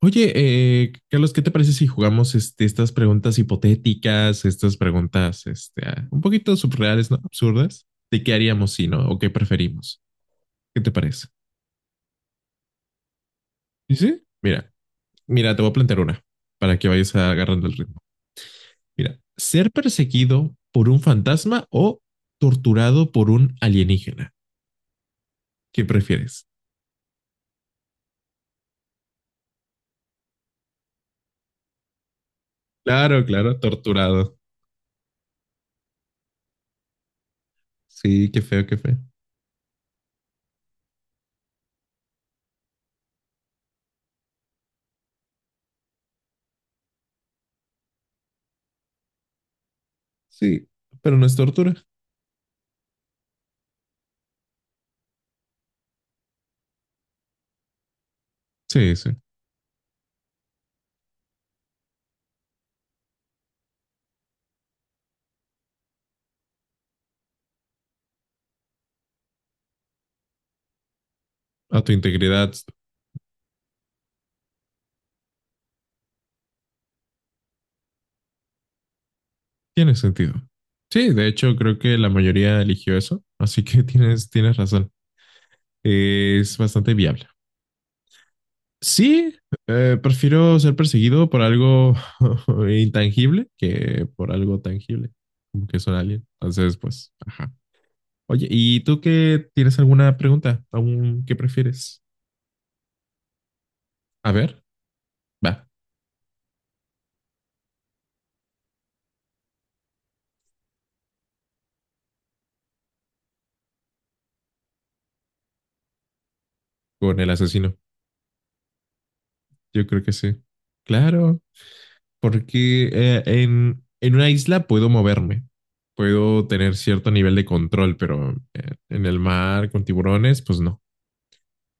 Oye, Carlos, ¿qué te parece si jugamos estas preguntas hipotéticas, estas preguntas un poquito surreales, ¿no? Absurdas, de qué haríamos si no, o qué preferimos. ¿Qué te parece? Sí, sí. Mira, te voy a plantear una para que vayas agarrando el ritmo. Mira, ser perseguido por un fantasma o torturado por un alienígena. ¿Qué prefieres? Claro, claro, torturado. Sí, qué feo, qué feo. Sí. Pero no es tortura. Sí, sí. A tu integridad. Tiene sentido. Sí, de hecho, creo que la mayoría eligió eso, así que tienes razón. Es bastante viable. Sí, prefiero ser perseguido por algo intangible que por algo tangible, como que son alguien. Entonces, pues, ajá. Oye, ¿y tú qué tienes alguna pregunta? ¿Aún qué prefieres? A ver, va, con el asesino. Yo creo que sí. Claro, porque en una isla puedo moverme, puedo tener cierto nivel de control, pero en el mar con tiburones, pues no,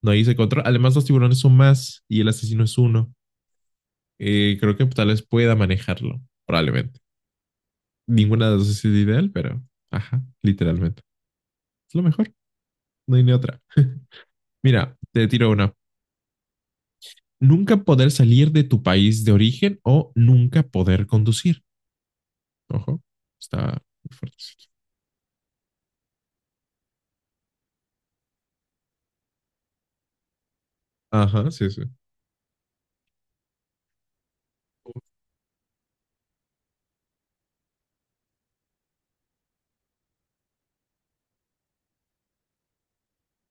no hay ese control. Además, los tiburones son más y el asesino es uno. Creo que tal vez pueda manejarlo, probablemente. Ninguna de las dos es ideal, pero ajá, literalmente. Es lo mejor, no hay ni otra. Mira, te tiro una. Nunca poder salir de tu país de origen o nunca poder conducir. Ojo, está muy fuerte. Ajá, sí, sí.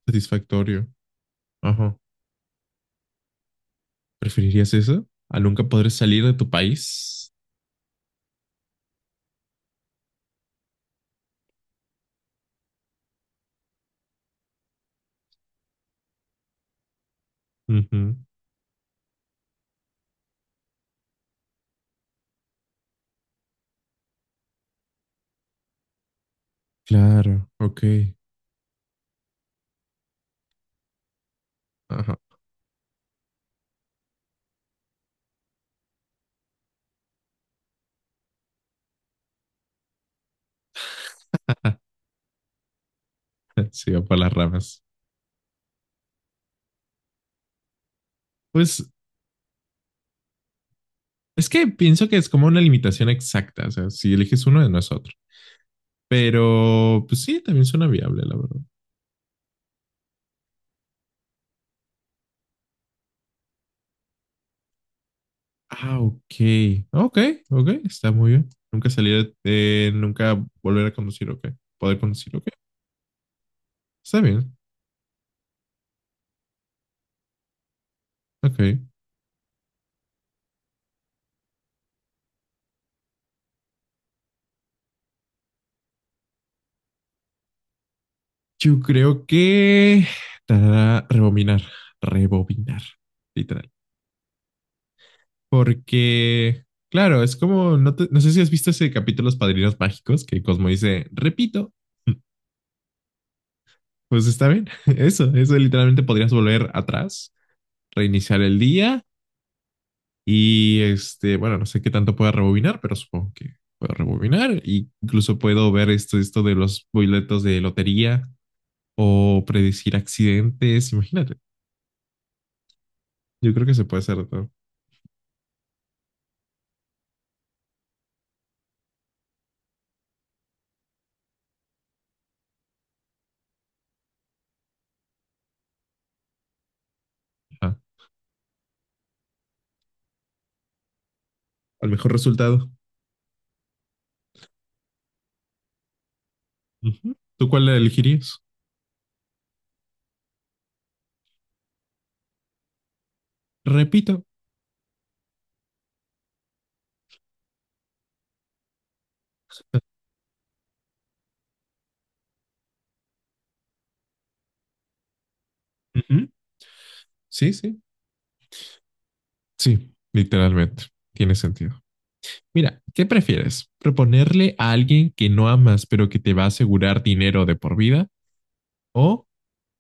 Satisfactorio. Ajá. ¿Preferirías eso? ¿A nunca poder salir de tu país? Ujú. Claro, ok. Ajá. Se va por las ramas. Pues es que pienso que es como una limitación exacta. O sea, si eliges uno, no es otro. Pero, pues sí, también suena viable, la verdad. Ah, ok. Ok, ok. Está muy bien. Nunca salir, nunca volver a conducir, ok. Poder conducir, ok. Está bien. Ok. Yo creo que tarara, rebobinar, rebobinar, literal. Porque, claro, es como, no, no sé si has visto ese capítulo Los Padrinos Mágicos, que Cosmo dice, repito. Pues está bien, eso literalmente podrías volver atrás, reiniciar el día y, este, bueno, no sé qué tanto pueda rebobinar, pero supongo que puedo rebobinar. Y incluso puedo ver esto de los boletos de lotería o predecir accidentes, imagínate, yo creo que se puede hacer de todo. Al mejor resultado. Ujú. ¿Tú cuál la elegirías? Repito. Ujú. Sí, sí. Sí, literalmente. Tiene sentido. Mira, ¿qué prefieres? ¿Proponerle a alguien que no amas pero que te va a asegurar dinero de por vida? ¿O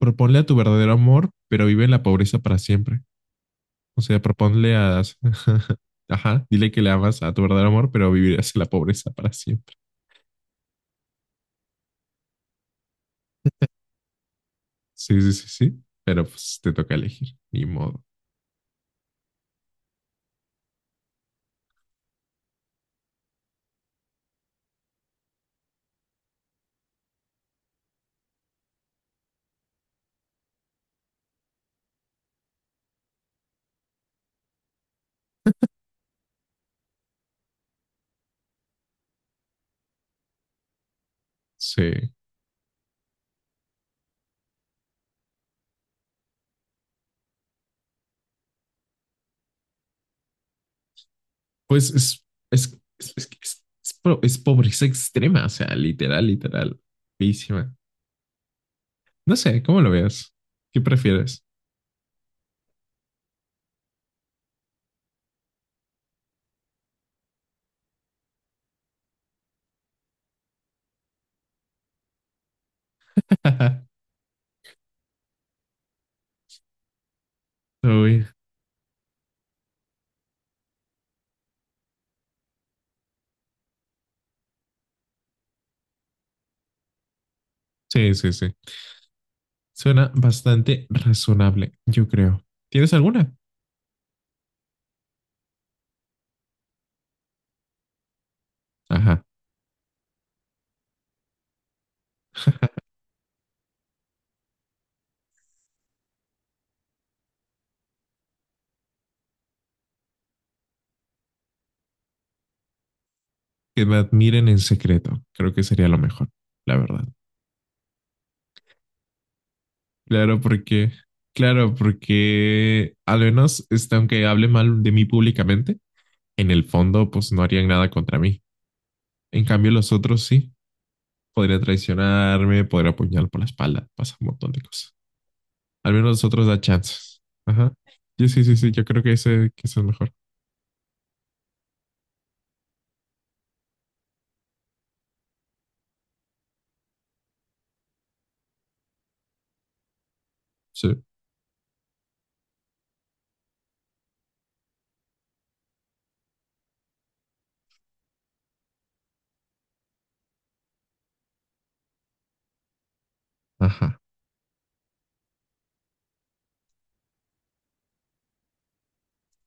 proponle a tu verdadero amor pero vive en la pobreza para siempre? O sea, proponle a... Ajá, dile que le amas a tu verdadero amor pero vivirás en la pobreza para siempre. Sí, sí, sí, sí. Pero pues te toca elegir. Ni modo. Sí. Pues es pobreza extrema, o sea, literal, literal, feísima. No sé, ¿cómo lo veas? ¿Qué prefieres? Uy, sí, sí, sí. Suena bastante razonable, yo creo. ¿Tienes alguna? Ajá. Que me admiren en secreto. Creo que sería lo mejor, la verdad. Claro, porque, claro, porque al menos, este, aunque hable mal de mí públicamente, en el fondo, pues no harían nada contra mí. En cambio, los otros sí. Podría traicionarme, podría apuñalar por la espalda, pasa un montón de cosas. Al menos nosotros da chances. Ajá. Sí, sí, sí, sí, yo creo que ese es mejor. Sí. Ajá.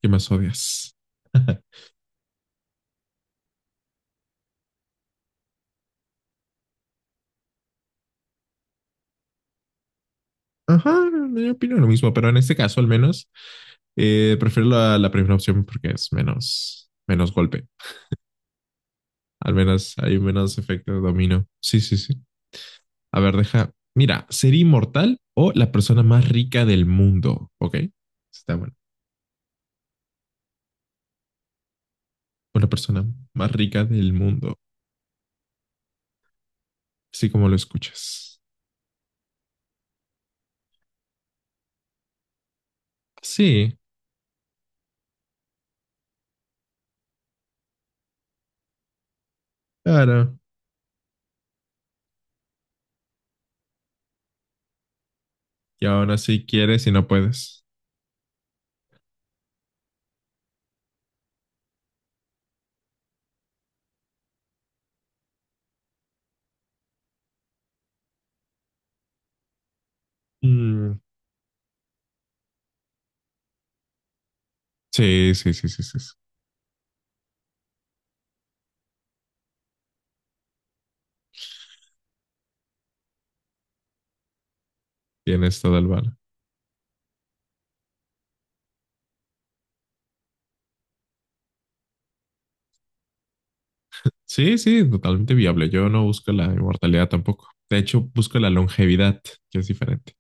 ¿Qué más odias? Ajá, yo opino lo mismo, pero en este caso al menos prefiero la primera opción porque es menos, menos golpe. Al menos hay menos efecto de dominó. Sí, sí, sí. A ver, deja. Mira, ser inmortal o la persona más rica del mundo, ¿ok? Está bueno. O la persona más rica del mundo. Así como lo escuchas. Sí, claro. Y aún así quieres y no puedes. Mm, sí, sí, sí, sí, sí, sí. Tienes todo el valor. Sí, sí, totalmente viable. Yo no busco la inmortalidad tampoco. De hecho, busco la longevidad, que es diferente.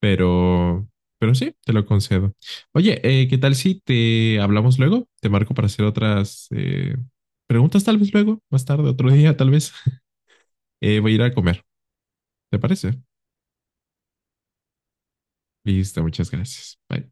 Pero, pero sí, te lo concedo. Oye, ¿qué tal si te hablamos luego? Te marco para hacer otras preguntas, tal vez luego, más tarde, otro día, tal vez. Voy a ir a comer. ¿Te parece? Listo, muchas gracias. Bye.